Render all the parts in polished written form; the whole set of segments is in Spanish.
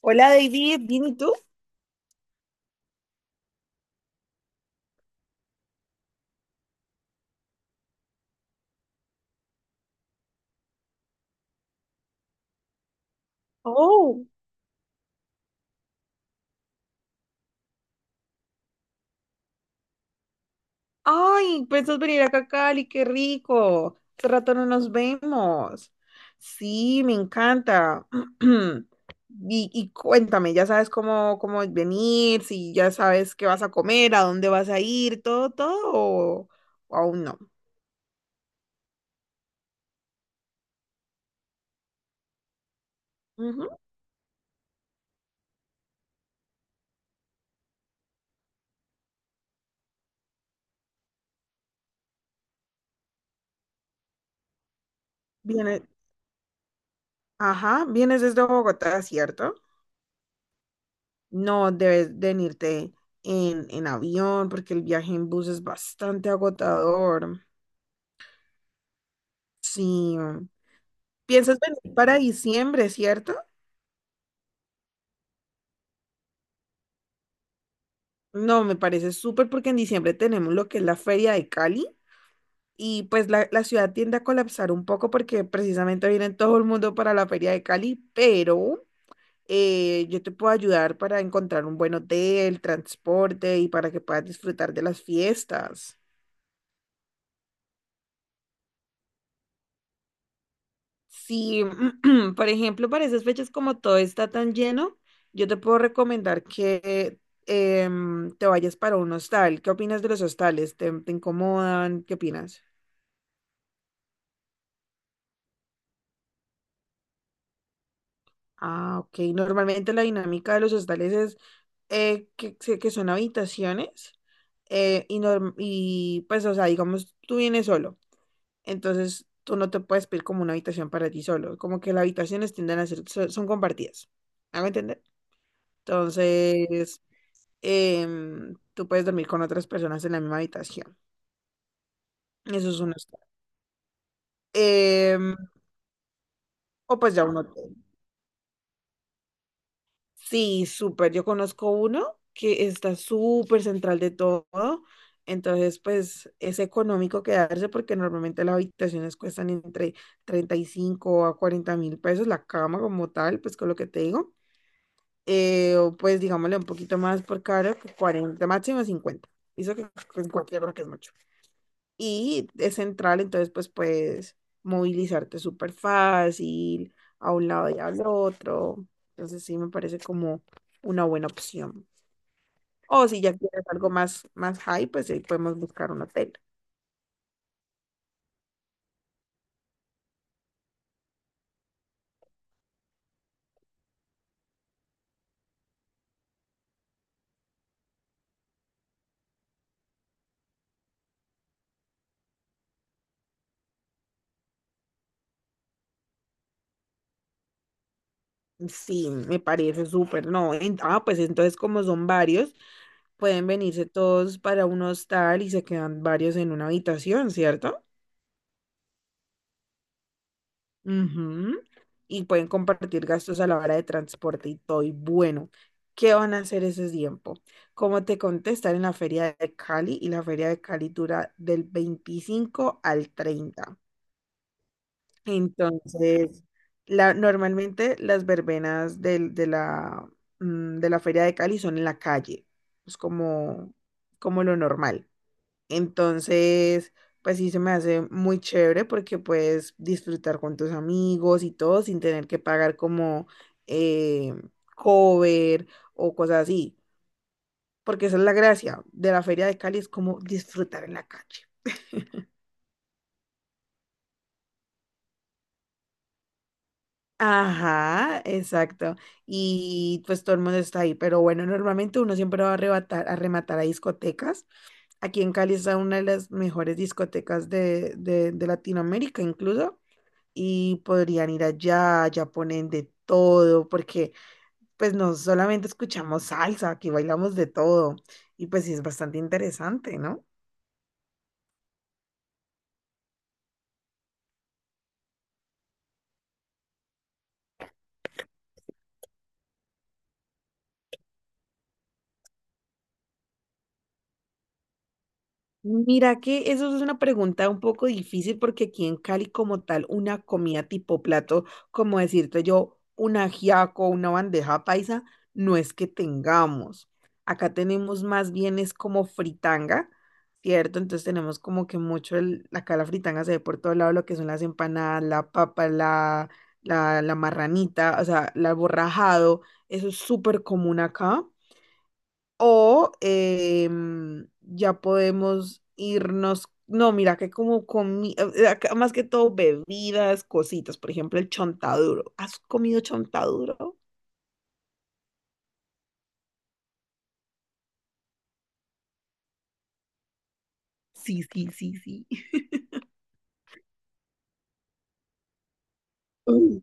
Hola David, ¿bien y tú? Oh, ay, pensás venir acá a Cali, qué rico. Hace rato no nos vemos. Sí, me encanta. Y cuéntame, ya sabes cómo venir, si ya sabes qué vas a comer, a dónde vas a ir, todo, todo, o aún no. Ujú. Vienes, ajá, vienes desde Bogotá, ¿cierto? No debes venirte en avión porque el viaje en bus es bastante agotador. Sí. ¿Piensas venir para diciembre, cierto? No, me parece súper porque en diciembre tenemos lo que es la Feria de Cali y pues la ciudad tiende a colapsar un poco porque precisamente viene todo el mundo para la Feria de Cali, pero yo te puedo ayudar para encontrar un buen hotel, transporte y para que puedas disfrutar de las fiestas. Si, por ejemplo, para esas fechas como todo está tan lleno, yo te puedo recomendar que te vayas para un hostal. ¿Qué opinas de los hostales? ¿Te incomodan? ¿Qué opinas? Ah, ok. Normalmente la dinámica de los hostales es que son habitaciones y pues, o sea, digamos, tú vienes solo. Entonces, tú no te puedes pedir como una habitación para ti solo. Como que las habitaciones tienden a ser. Son compartidas. ¿Me hago entender? Entonces, tú puedes dormir con otras personas en la misma habitación. Eso es un hostal. Em, o pues ya un hotel. Sí, súper. Yo conozco uno que está súper central de todo. Entonces, pues es económico quedarse porque normalmente las habitaciones cuestan entre 35.000 a 40.000 pesos, la cama como tal, pues con lo que te digo. O pues digámosle un poquito más por cara, que 40, máximo cincuenta. Eso que en cualquier hora que es mucho. Y es central, entonces pues puedes movilizarte súper fácil a un lado y al otro. Entonces sí me parece como una buena opción. O si ya quieres algo más high, pues ahí podemos buscar un hotel. Sí, me parece súper, no. Pues entonces como son varios, pueden venirse todos para un hostal y se quedan varios en una habitación, ¿cierto? Ujú. Y pueden compartir gastos a la hora de transporte y todo. Y bueno, ¿qué van a hacer ese tiempo? Como te conté, estar en la Feria de Cali, y la Feria de Cali dura del 25 al 30. Entonces, normalmente las verbenas de la Feria de Cali son en la calle. Es como lo normal. Entonces, pues sí se me hace muy chévere porque puedes disfrutar con tus amigos y todo sin tener que pagar como eh, cover o cosas así. Porque esa es la gracia de la Feria de Cali, es como disfrutar en la calle. Ajá, exacto. Y pues todo el mundo está ahí. Pero bueno, normalmente uno siempre va a arrebatar, a rematar a discotecas. Aquí en Cali está una de las mejores discotecas de Latinoamérica, incluso. Y podrían ir allá, allá ponen de todo, porque pues no solamente escuchamos salsa, aquí bailamos de todo y pues sí es bastante interesante, ¿no? Mira que eso es una pregunta un poco difícil porque aquí en Cali como tal una comida tipo plato, como decirte yo, un ajiaco, una bandeja paisa, no es que tengamos. Acá tenemos más bien es como fritanga, ¿cierto? Entonces tenemos como que mucho acá la fritanga se ve por todo lado, lo que son las empanadas, la papa, la marranita, o sea, el borrajado, eso es súper común acá. O ya podemos irnos, no, mira que como comida, más que todo bebidas, cositas, por ejemplo, el chontaduro. ¿Has comido chontaduro? Sí, sí, sí, sí. Uy.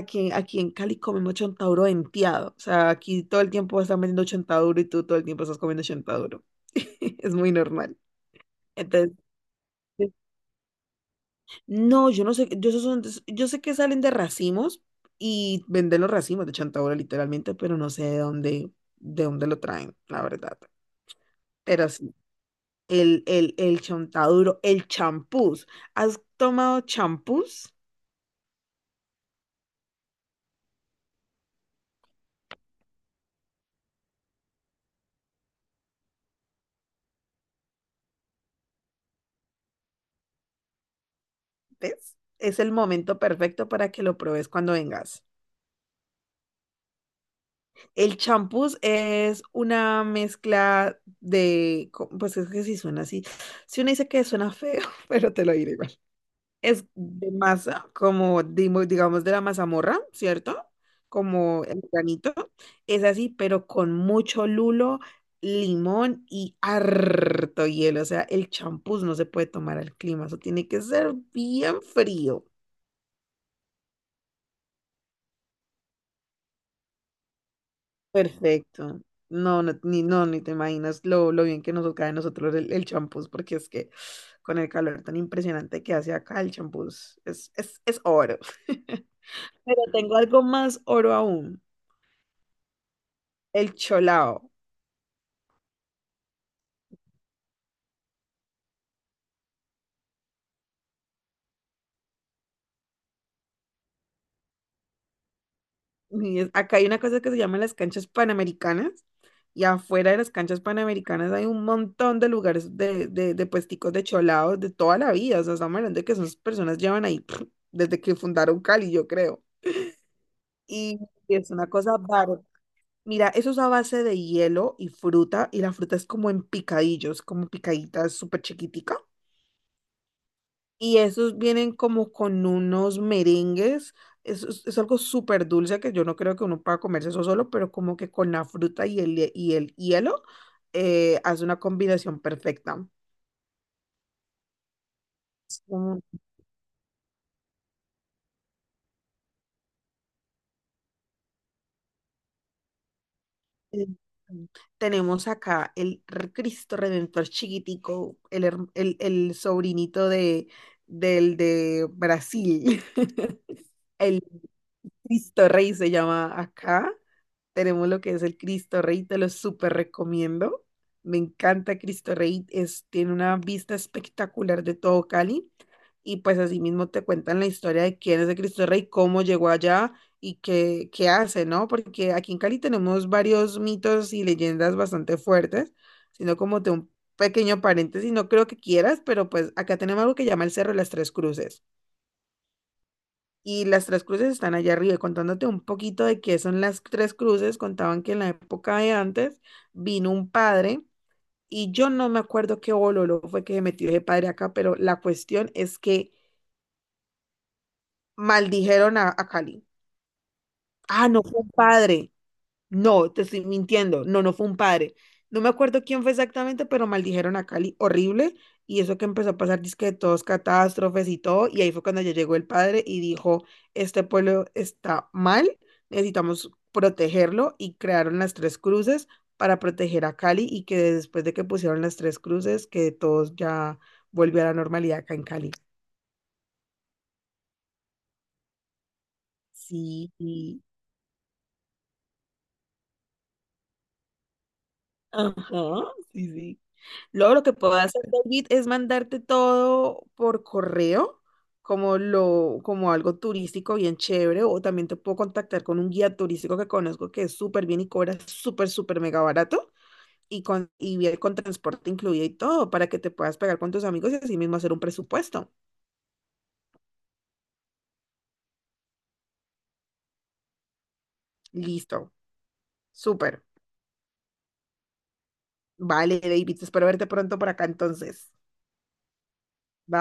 Aquí en Cali comemos chontaduro venteado. O sea, aquí todo el tiempo están vendiendo chontaduro y tú todo el tiempo estás comiendo chontaduro. Es muy normal. Entonces, no, yo no sé, yo sé que salen de racimos y venden los racimos de Chantaura literalmente, pero no sé de dónde lo traen, la verdad. Pero sí, el Chontaduro, el champús. ¿Has tomado champús? ¿Ves? Es el momento perfecto para que lo pruebes cuando vengas. El champús es una mezcla pues es que si suena así, si uno dice que suena feo, pero te lo diré igual. Es de masa, como digamos de la mazamorra, ¿cierto? Como el granito. Es así, pero con mucho lulo, limón y harto hielo. O sea, el champús no se puede tomar al clima. Eso tiene que ser bien frío. Perfecto. No, no, ni, no, ni te imaginas lo bien que nos cae a nosotros el champús, porque es que con el calor tan impresionante que hace acá, el champús es oro. Pero tengo algo más oro aún. El cholao. Acá hay una cosa que se llama las canchas panamericanas y afuera de las canchas panamericanas hay un montón de lugares de puesticos de cholaos de toda la vida. O sea, estamos hablando de que esas personas llevan ahí desde que fundaron Cali, yo creo. Y es una cosa bárbara. Mira, eso es a base de hielo y fruta y la fruta es como en picadillos, como picaditas súper chiquitica. Y esos vienen como con unos merengues. Es algo súper dulce que yo no creo que uno pueda comerse eso solo, pero como que con la fruta y el hielo hace una combinación perfecta. Es como- eh, Tenemos acá Cristo Redentor chiquitico, el sobrinito del de Brasil. El Cristo Rey se llama acá. Tenemos lo que es el Cristo Rey, te lo súper recomiendo. Me encanta Cristo Rey, tiene una vista espectacular de todo Cali. Y pues así mismo te cuentan la historia de quién es el Cristo Rey, cómo llegó allá y qué hace, ¿no? Porque aquí en Cali tenemos varios mitos y leyendas bastante fuertes, sino como de un pequeño paréntesis, no creo que quieras, pero pues acá tenemos algo que llama el Cerro de las Tres Cruces. Y las tres cruces están allá arriba. Contándote un poquito de qué son las tres cruces, contaban que en la época de antes vino un padre y yo no me acuerdo qué bololo fue que se metió ese padre acá, pero la cuestión es que maldijeron a Cali. Ah, no fue un padre. No, te estoy mintiendo. No, no fue un padre. No me acuerdo quién fue exactamente, pero maldijeron a Cali horrible. Y eso que empezó a pasar, disque de todos catástrofes y todo. Y ahí fue cuando ya llegó el padre y dijo, este pueblo está mal, necesitamos protegerlo. Y crearon las tres cruces para proteger a Cali y que después de que pusieron las tres cruces, que todos ya volvió a la normalidad acá en Cali. Sí, ajá, sí, sí. Luego lo que puedo hacer, David, es mandarte todo por correo, como algo turístico bien chévere, o también te puedo contactar con un guía turístico que conozco que es súper bien y cobra súper, súper mega barato, y con, y viene con transporte incluido y todo, para que te puedas pegar con tus amigos y así mismo hacer un presupuesto. Listo, súper. Vale, David, espero verte pronto por acá entonces. Bye.